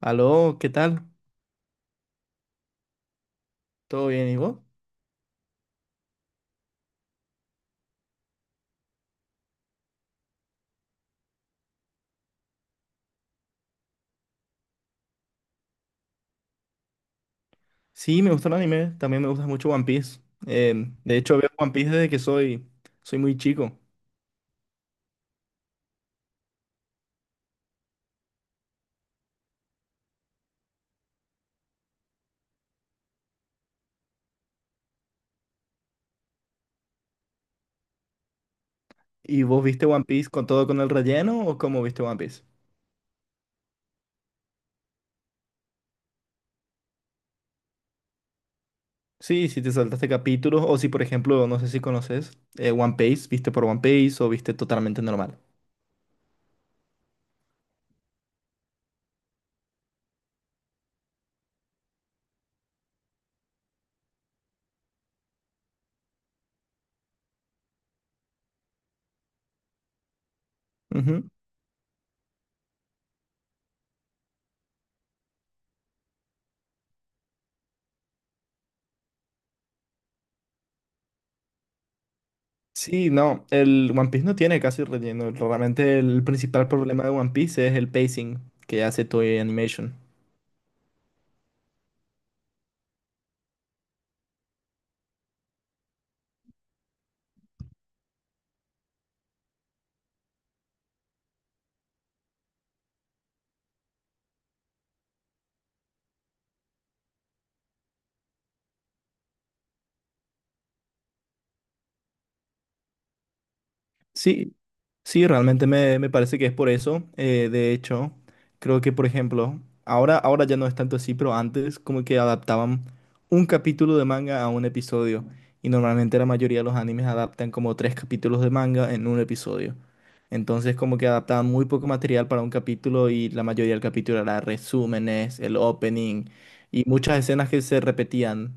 Aló, ¿qué tal? ¿Todo bien, y vos? Sí, me gusta el anime, también me gusta mucho One Piece. De hecho, veo One Piece desde que soy muy chico. ¿Y vos viste One Piece con todo con el relleno o cómo viste One Piece? Sí, si te saltaste capítulos o si, por ejemplo, no sé si conoces One Piece, ¿viste por One Piece o viste totalmente normal? Ujú. Sí, no, el One Piece no tiene casi relleno. Realmente el principal problema de One Piece es el pacing que hace Toei Animation. Sí, sí, realmente me parece que es por eso. De hecho, creo que, por ejemplo, ahora ya no es tanto así, pero antes como que adaptaban un capítulo de manga a un episodio. Y normalmente la mayoría de los animes adaptan como tres capítulos de manga en un episodio. Entonces como que adaptaban muy poco material para un capítulo y la mayoría del capítulo era resúmenes, el opening y muchas escenas que se repetían.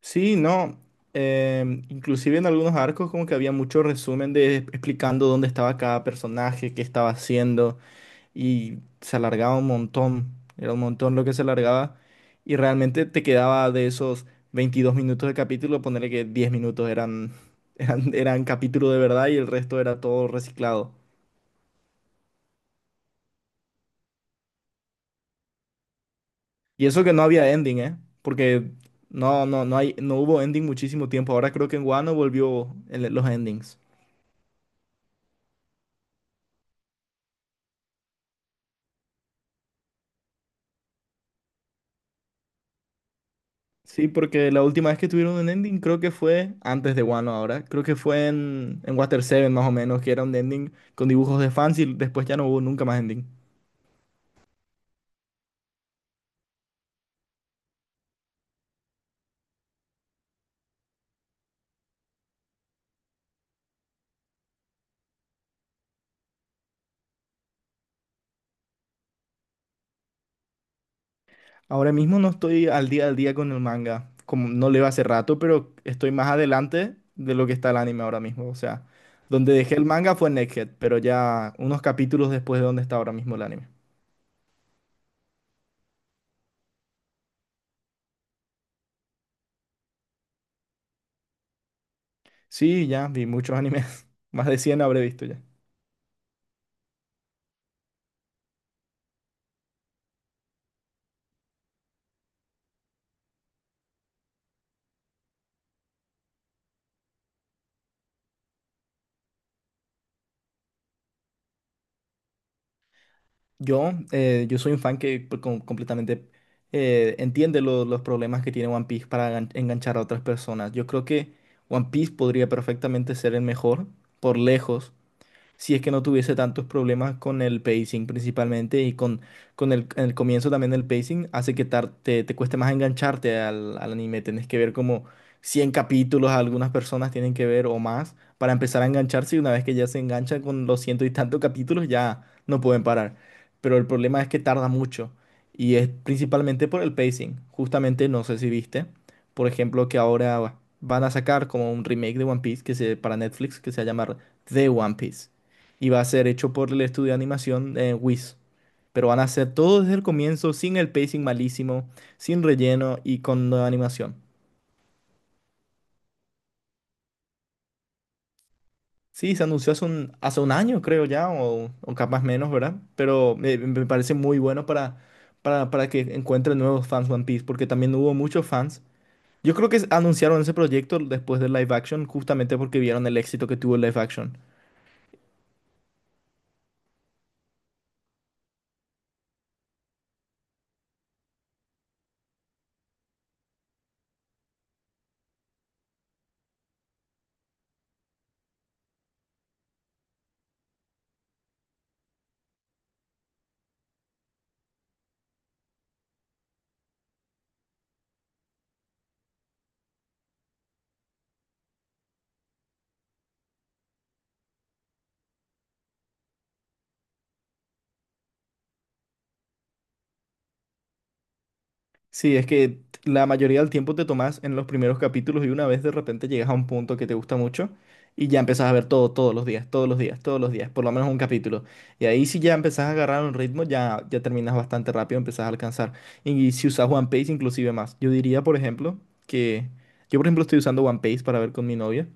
Sí, no. Inclusive en algunos arcos como que había mucho resumen de explicando dónde estaba cada personaje, qué estaba haciendo y se alargaba un montón. Era un montón lo que se alargaba y realmente te quedaba de esos 22 minutos de capítulo, ponerle que 10 minutos eran capítulo de verdad y el resto era todo reciclado. Y eso que no había ending, ¿eh? Porque no hay, no hubo ending muchísimo tiempo. Ahora creo que en Wano volvió los endings. Sí, porque la última vez que tuvieron un ending creo que fue antes de Wano ahora. Creo que fue en Water Seven más o menos, que era un ending con dibujos de fans y después ya no hubo nunca más ending. Ahora mismo no estoy al día con el manga, como no leo hace rato, pero estoy más adelante de lo que está el anime ahora mismo. O sea, donde dejé el manga fue en Egghead, pero ya unos capítulos después de donde está ahora mismo el anime. Sí, ya vi muchos animes. Más de 100 habré visto ya. Yo, yo soy un fan que pues, completamente entiende los problemas que tiene One Piece para enganchar a otras personas. Yo creo que One Piece podría perfectamente ser el mejor, por lejos, si es que no tuviese tantos problemas con el pacing principalmente en el comienzo también el pacing hace que te cueste más engancharte al anime. Tenés que ver como 100 capítulos, algunas personas tienen que ver o más para empezar a engancharse y una vez que ya se enganchan con los ciento y tantos capítulos ya no pueden parar. Pero el problema es que tarda mucho y es principalmente por el pacing. Justamente no sé si viste, por ejemplo, que ahora van a sacar como un remake de One Piece que se, para Netflix que se llama The One Piece y va a ser hecho por el estudio de animación Wiz. Pero van a hacer todo desde el comienzo, sin el pacing malísimo, sin relleno y con nueva animación. Sí, se anunció hace un año, creo ya, o capaz menos, ¿verdad? Pero me parece muy bueno para que encuentren nuevos fans One Piece, porque también hubo muchos fans. Yo creo que anunciaron ese proyecto después del live action, justamente porque vieron el éxito que tuvo el live action. Sí, es que la mayoría del tiempo te tomas en los primeros capítulos y una vez de repente llegas a un punto que te gusta mucho y ya empezás a ver todo todos los días, todos los días, todos los días, por lo menos un capítulo. Y ahí si ya empezás a agarrar un ritmo, ya, ya terminas bastante rápido, empezás a alcanzar. Y si usas One Piece, inclusive más. Yo diría, por ejemplo, que yo, por ejemplo, estoy usando One Piece para ver con mi novia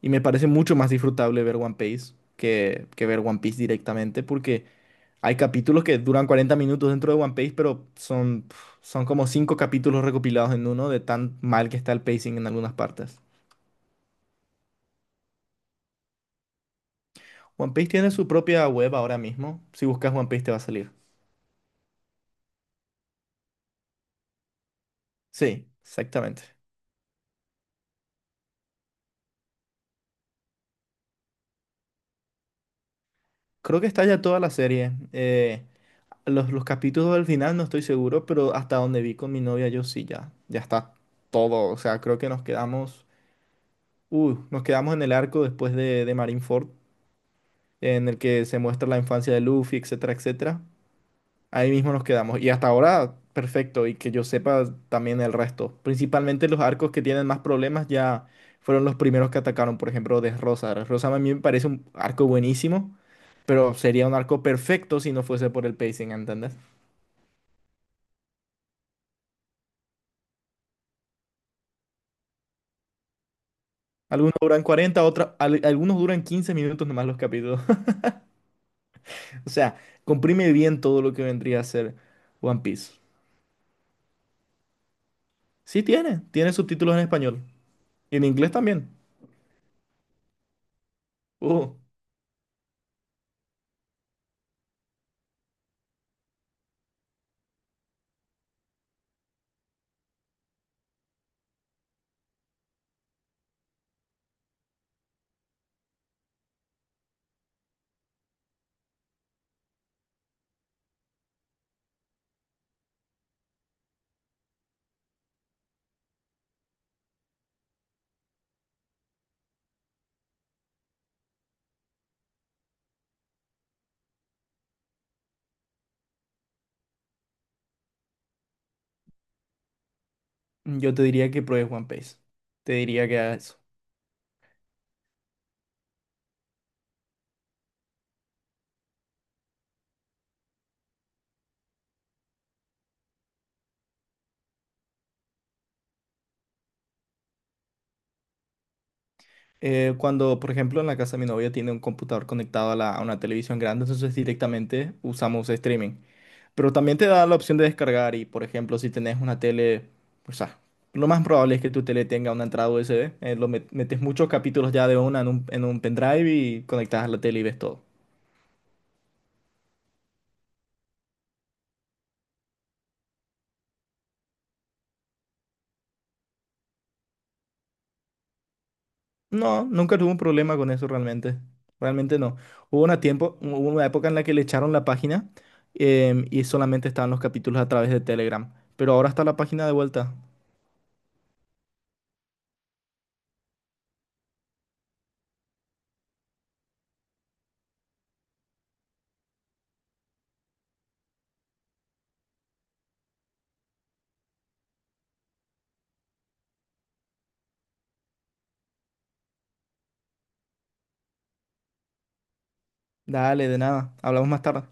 y me parece mucho más disfrutable ver One Piece que ver One Piece directamente porque... Hay capítulos que duran 40 minutos dentro de One Piece, pero son, pf, son como cinco capítulos recopilados en uno de tan mal que está el pacing en algunas partes. One Piece tiene su propia web ahora mismo. Si buscas One Piece te va a salir. Sí, exactamente. Creo que está ya toda la serie. Los capítulos del final no estoy seguro, pero hasta donde vi con mi novia yo sí, ya, ya está todo. O sea, creo que nos quedamos en el arco después de Marineford, en el que se muestra la infancia de Luffy, etcétera, etcétera. Ahí mismo nos quedamos. Y hasta ahora, perfecto. Y que yo sepa también el resto. Principalmente los arcos que tienen más problemas ya fueron los primeros que atacaron. Por ejemplo, Desrosa. Rosa. A mí me parece un arco buenísimo, pero sería un arco perfecto si no fuese por el pacing, ¿entendés? Algunos duran 40, algunos duran 15 minutos nomás los capítulos. O sea, comprime bien todo lo que vendría a ser One Piece. Sí tiene, tiene subtítulos en español. Y en inglés también. Uh, yo te diría que pruebes One Piece. Te diría que hagas. Cuando, por ejemplo, en la casa de mi novia tiene un computador conectado a una televisión grande, entonces directamente usamos streaming. Pero también te da la opción de descargar y, por ejemplo, si tenés una tele, o sea, lo más probable es que tu tele tenga una entrada USB, metes muchos capítulos ya de una en un pendrive y conectas a la tele y ves todo. No, nunca tuve un problema con eso realmente. Realmente no. Hubo una época en la que le echaron la página y solamente estaban los capítulos a través de Telegram. Pero ahora está la página de vuelta. Dale, de nada. Hablamos más tarde.